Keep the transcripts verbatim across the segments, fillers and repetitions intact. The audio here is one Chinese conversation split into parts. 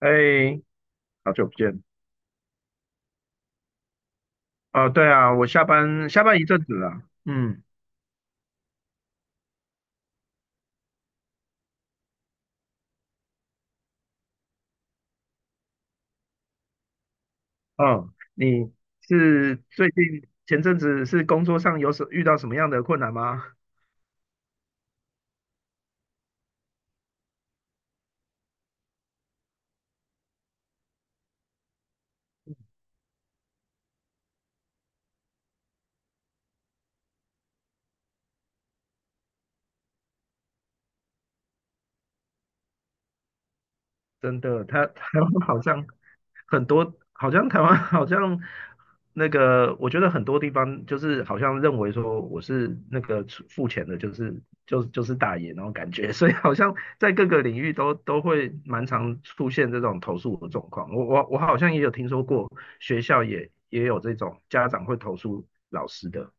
哎，好久不见。哦，对啊，我下班下班一阵子了。嗯。哦，你是最近前阵子是工作上有什遇到什么样的困难吗？真的，他他湾好像很多，好像台湾 好像那个，我觉得很多地方就是好像认为说我是那个出付钱的，就是就就是大爷那种感觉，所以好像在各个领域都都会蛮常出现这种投诉的状况。我我我好像也有听说过，学校也也有这种家长会投诉老师的。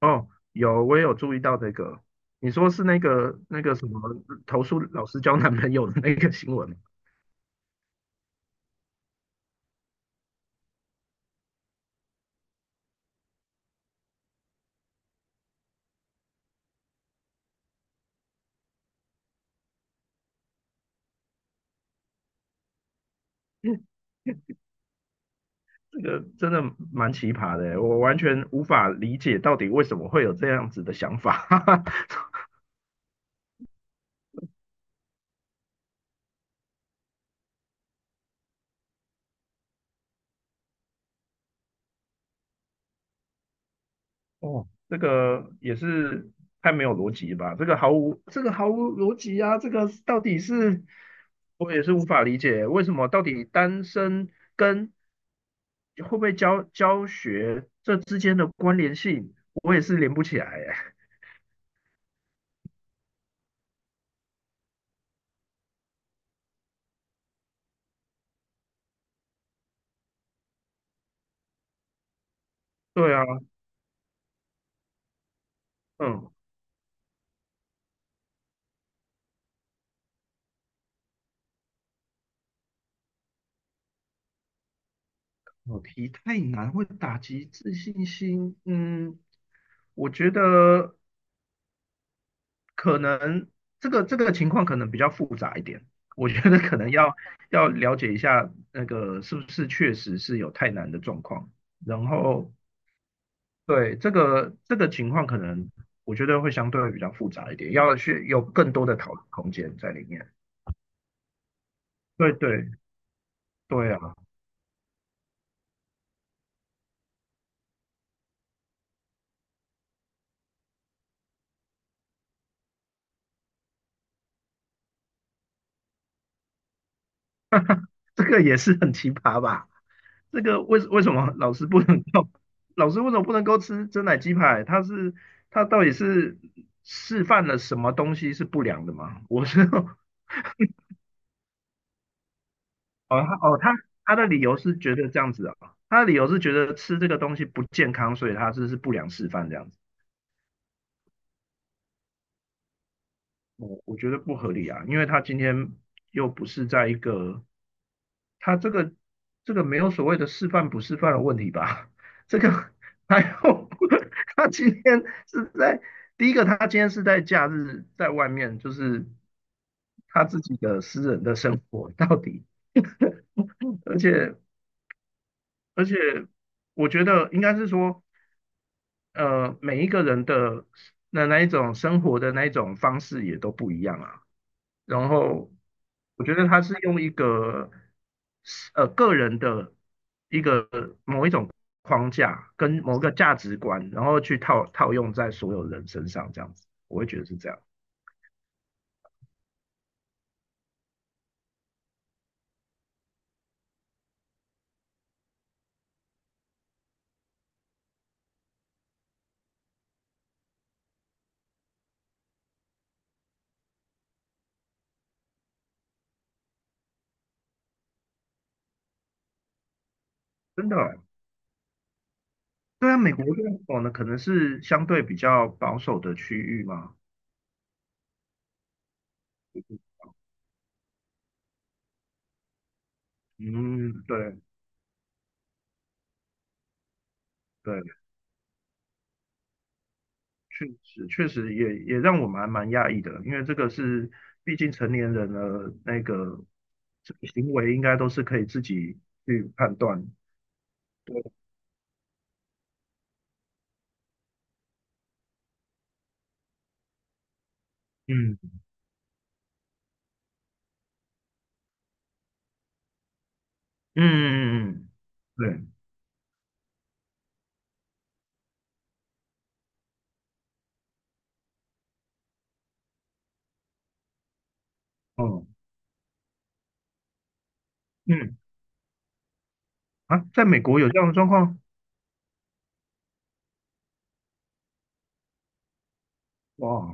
哦，有，我也有注意到这个。你说是那个那个什么投诉老师交男朋友的那个新闻吗？这个真的蛮奇葩的欸，我完全无法理解到底为什么会有这样子的想法。哦，这个也是太没有逻辑吧？这个毫无这个毫无逻辑啊！这个到底是我也是无法理解，为什么到底单身跟会不会教教学这之间的关联性，我也是连不起来耶。对啊。嗯。考题太难会打击自信心，嗯，我觉得，可能这个这个情况可能比较复杂一点，我觉得可能要要了解一下那个是不是确实是有太难的状况，然后，对，这个这个情况可能，我觉得会相对比较复杂一点，要去有更多的讨论空间在里面。对对，对啊。这个也是很奇葩吧？这个为为什么老师不能够，老师为什么不能够吃真奶鸡排？他是他到底是示范了什么东西是不良的吗？我是哦，他哦，他他的理由是觉得这样子啊，他的理由是觉得吃这个东西不健康，所以他这是不良示范这样子。我我觉得不合理啊，因为他今天又不是在一个他这个这个没有所谓的示范不示范的问题吧？这个还有 他今天是在第一个，他今天是在假日在外面，就是他自己的私人的生活到底。而且而且我觉得应该是说。呃，每一个人的那那一种生活的那一种方式也都不一样啊。然后我觉得他是用一个呃个人的一个某一种框架跟某个价值观，然后去套套用在所有人身上，这样子，我会觉得是这样。真的。对啊，美国这种哦呢，可能是相对比较保守的区域嘛。嗯，对对。确实确实也也让我们还蛮讶异的，因为这个是毕竟成年人的那个，这个行为应该都是可以自己去判断。对。嗯嗯嗯嗯，对，哦，嗯，啊，在美国有这样的状况。哇，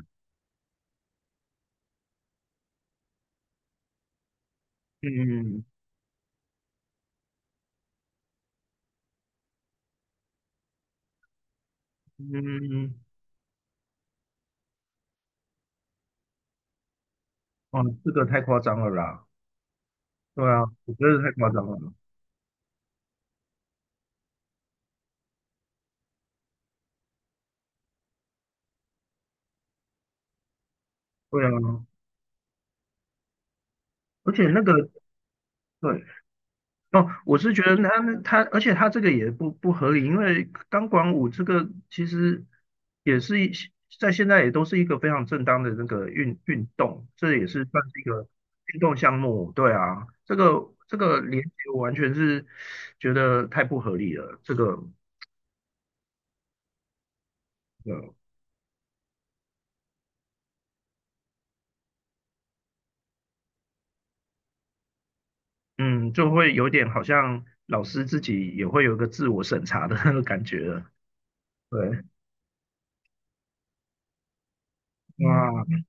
嗯嗯嗯。哦，这个太夸张了啦，对啊，我觉得太夸张了，对啊。而且那个，对。哦，我是觉得他他，而且他这个也不不合理，因为钢管舞这个其实也是一在现在也都是一个非常正当的那个运运动，这也是算是一个运动项目，对啊，这个这个连接我完全是觉得太不合理了。这个呃嗯就会有点好像老师自己也会有一个自我审查的那个感觉了。对。哇。嗯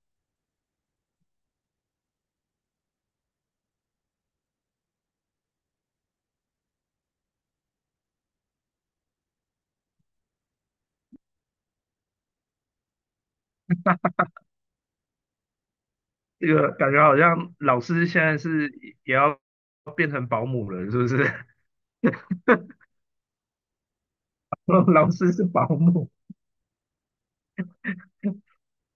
这个感觉好像老师现在是也要变成保姆了，是不是？老师是保姆，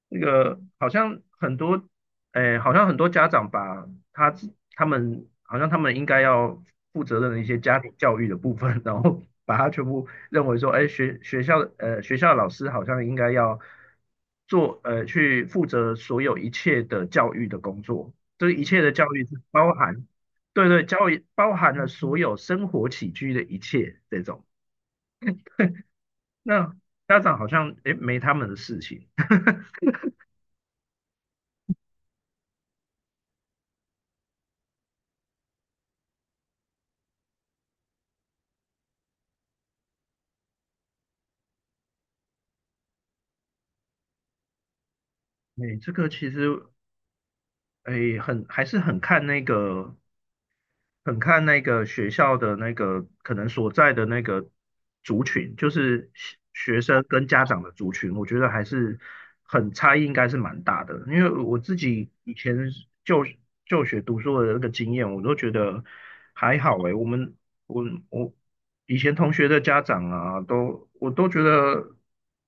那个好像很多。哎，好像很多家长把他自他们好像他们应该要负责任的一些家庭教育的部分，然后 把它全部认为说，哎，学学校的呃学校的老师好像应该要做呃去负责所有一切的教育的工作，这一切的教育是包含，对对，教育包含了所有生活起居的一切这种。那家长好像，哎，没他们的事情。哎，这个其实诶，很还是很看那个，很看那个学校的那个可能所在的那个族群，就是学学生跟家长的族群，我觉得还是很差异，应该是蛮大的。因为我自己以前就就学读书的那个经验，我都觉得还好诶。我们我我以前同学的家长啊，都我都觉得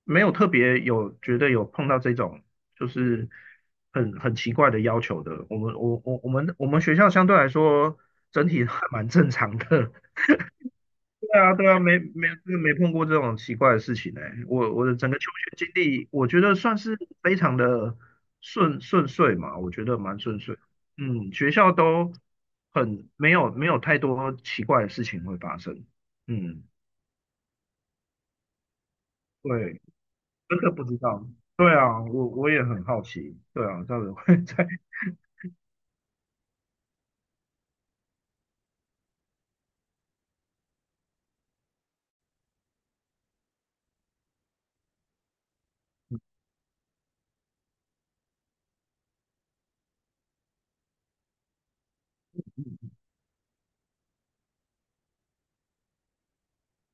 没有特别有觉得有碰到这种。就是很很奇怪的要求的。我们我我我们我们学校相对来说整体还蛮正常的。对啊，对啊，没没没碰过这种奇怪的事情哎。我我的整个求学经历，我觉得算是非常的顺顺遂嘛，我觉得蛮顺遂。嗯，学校都很没有没有太多奇怪的事情会发生。嗯，对，真的不知道。对啊，我我也很好奇。对啊，到底会 在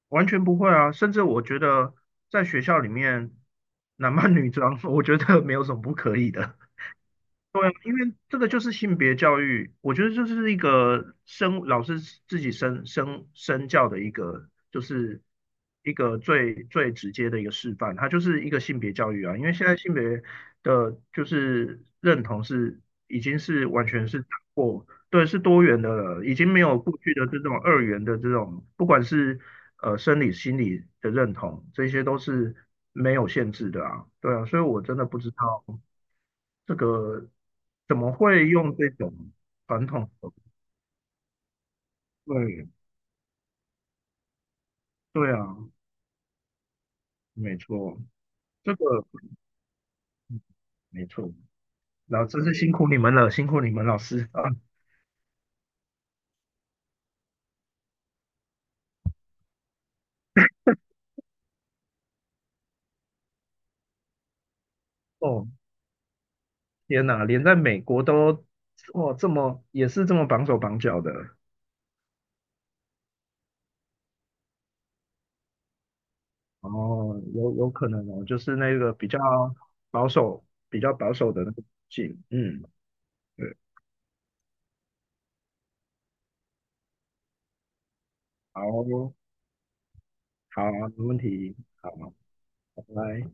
完全不会啊，甚至我觉得在学校里面男扮女装，我觉得没有什么不可以的。对啊，因为这个就是性别教育，我觉得就是一个身老师自己身身身教的一个，就是一个最最直接的一个示范，它就是一个性别教育啊。因为现在性别的就是认同是已经是完全是打破，对，是多元的了，已经没有过去的这种二元的这种，不管是呃生理、心理的认同，这些都是没有限制的啊。对啊，所以我真的不知道。这个怎么会用这种传统的。对对啊，没错，这个没错。老真是辛苦你们了，辛苦你们老师啊！哦，天哪，连在美国都，哇，这么也是这么绑手绑脚的。哦，有有可能哦，就是那个比较保守、比较保守的那个性，嗯，对，好，好，没问题，好，拜拜。